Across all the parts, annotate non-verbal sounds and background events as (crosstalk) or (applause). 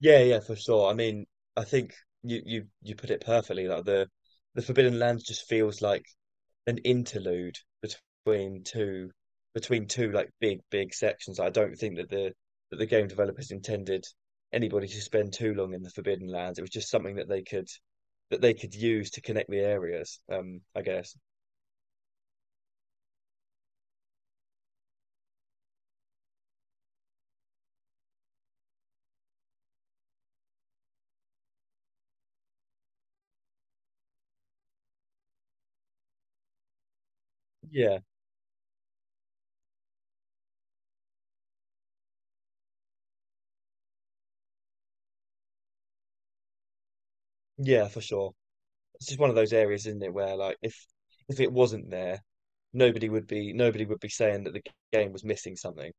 Yeah, yeah, for sure. I mean, I think you put it perfectly. Like the Forbidden Lands just feels like an interlude between two between two like big sections. I don't think that the game developers intended anybody to spend too long in the Forbidden Lands. It was just something that they could use to connect the areas. I guess. Yeah, yeah, for sure. It's just one of those areas, isn't it, where like if it wasn't there, nobody would be saying that the game was missing something.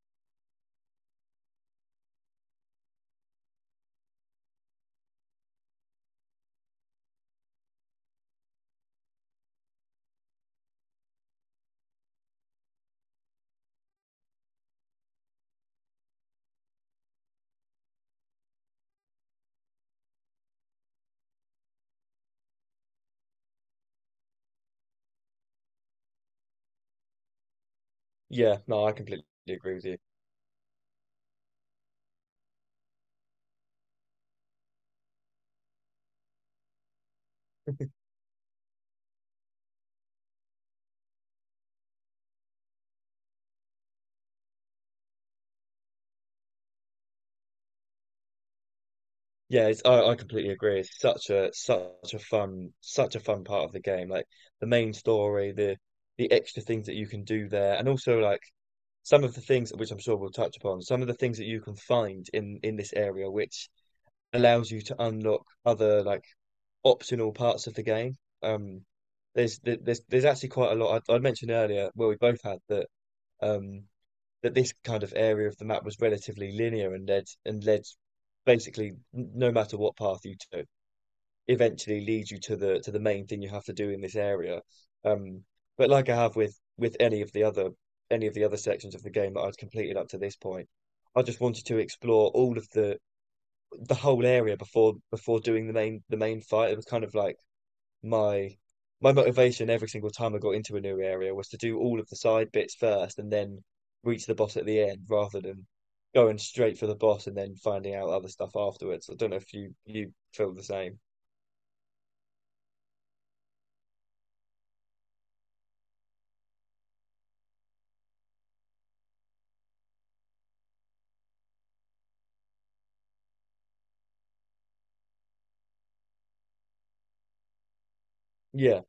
Yeah, no, I completely agree with you. Yeah, it's, I completely agree. It's such a such a fun part of the game. Like the main story, the extra things that you can do there, and also like some of the things which I'm sure we'll touch upon, some of the things that you can find in this area, which allows you to unlock other like optional parts of the game. Um, there's actually quite a lot. I mentioned earlier, well, we both had that. Um, that this kind of area of the map was relatively linear and led basically no matter what path you took, eventually leads you to the main thing you have to do in this area. Um, but like I have with any of the other sections of the game that I'd completed up to this point, I just wanted to explore all of the whole area before doing the main fight. It was kind of like my my motivation every single time I got into a new area was to do all of the side bits first and then reach the boss at the end rather than going straight for the boss and then finding out other stuff afterwards. I don't know if you feel the same. Yeah.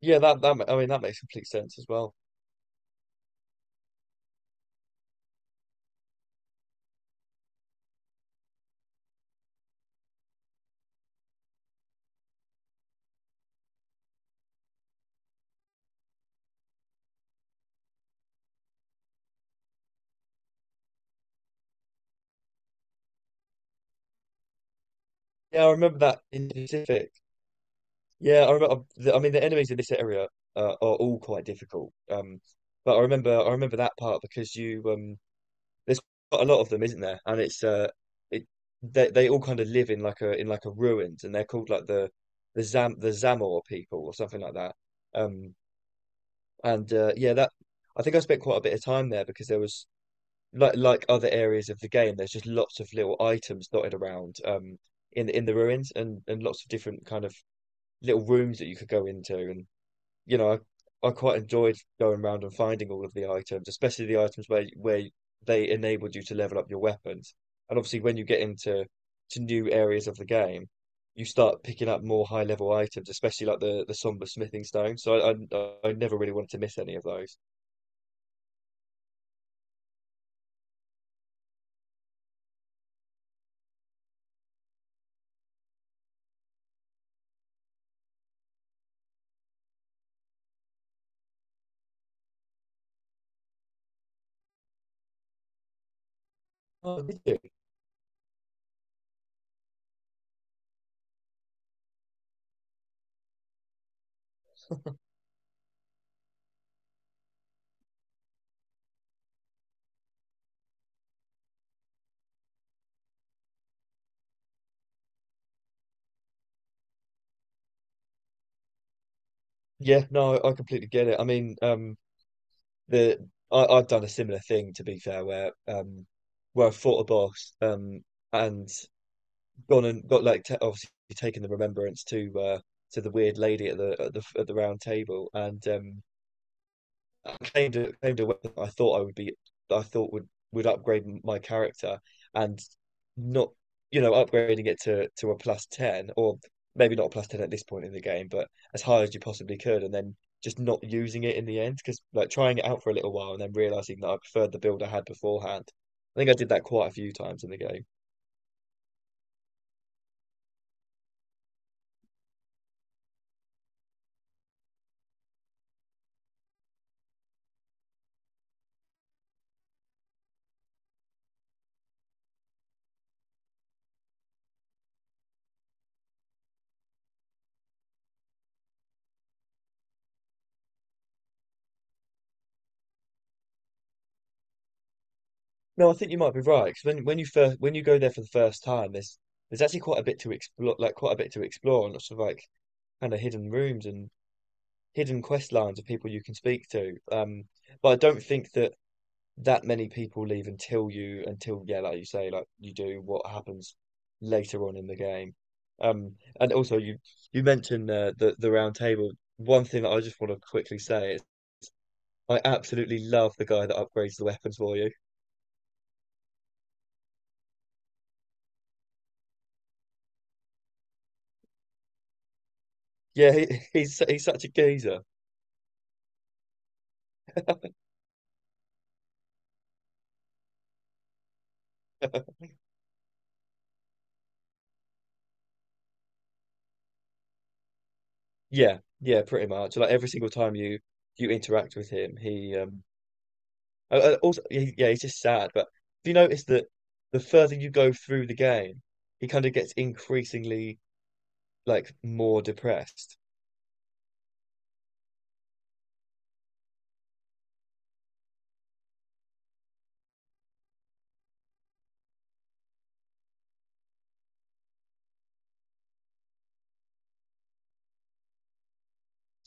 Yeah, that I mean that makes complete sense as well. Yeah, I remember that in specific. Yeah, I mean the enemies in this area are all quite difficult. But I remember that part because you there's quite a lot of them, isn't there? And it's it they all kind of live in like a ruins, and they're called like the Zamor people or something like that. Um, and Yeah, that I think I spent quite a bit of time there because there was like other areas of the game, there's just lots of little items dotted around in the ruins and lots of different kind of little rooms that you could go into and you know, I quite enjoyed going around and finding all of the items, especially the items where they enabled you to level up your weapons. And obviously, when you get into to new areas of the game, you start picking up more high level items, especially like the somber smithing stone. So I never really wanted to miss any of those. Oh, did you? Yeah, no, I completely get it. I mean, the I, I've done a similar thing to be fair, where I fought a boss, and gone and got like ta obviously taken the remembrance to the weird lady at the at the at the round table, and I claimed a weapon I thought would upgrade my character, and not you know upgrading it to a plus ten or maybe not a plus ten at this point in the game, but as high as you possibly could, and then just not using it in the end because like trying it out for a little while and then realizing that I preferred the build I had beforehand. I think I did that quite a few times in the game. No, I think you might be right because when you go there for the first time, there's actually quite a bit to explore, like quite a bit to explore, and lots of like kind of hidden rooms and hidden quest lines of people you can speak to. But I don't think that that many people leave until yeah, like you say, like you do what happens later on in the game. Um, and also you mentioned the round table. One thing that I just want to quickly say is I absolutely love the guy that upgrades the weapons for you. Yeah, (laughs) he's such a geezer. (laughs) Yeah, yeah, pretty much. Like every single time you interact with him, yeah, he's just sad. But do you notice that the further you go through the game, he kind of gets increasingly like more depressed.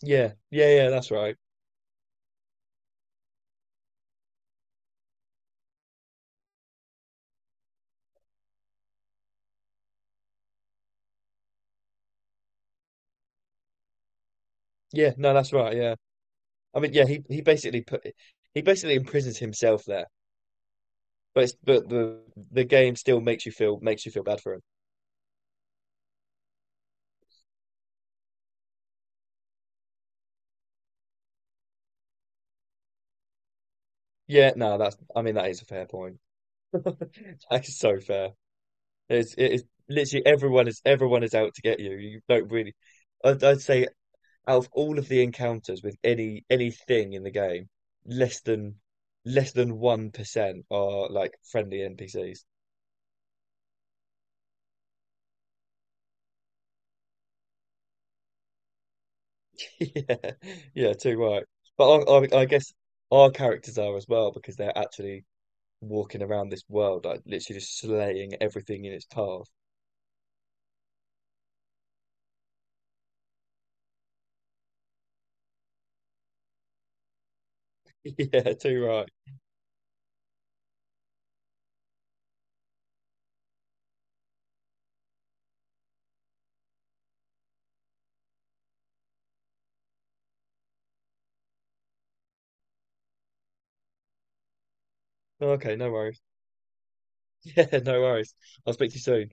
Yeah, yeah, yeah, that's right. Yeah, no, that's right. Yeah, I mean, yeah, he basically imprisons himself there. But but the game still makes you feel bad for him. Yeah, no, that's I mean that is a fair point. (laughs) That is so fair. It's literally everyone is out to get you. You don't really. I'd say out of all of the encounters with anything in the game, less than less than 1% are like friendly NPCs. (laughs) Yeah, yeah, too right. But I guess our characters are as well because they're actually walking around this world, like literally just slaying everything in its path. (laughs) Yeah, too right. Okay, no worries. (laughs) Yeah, no worries. I'll speak to you soon.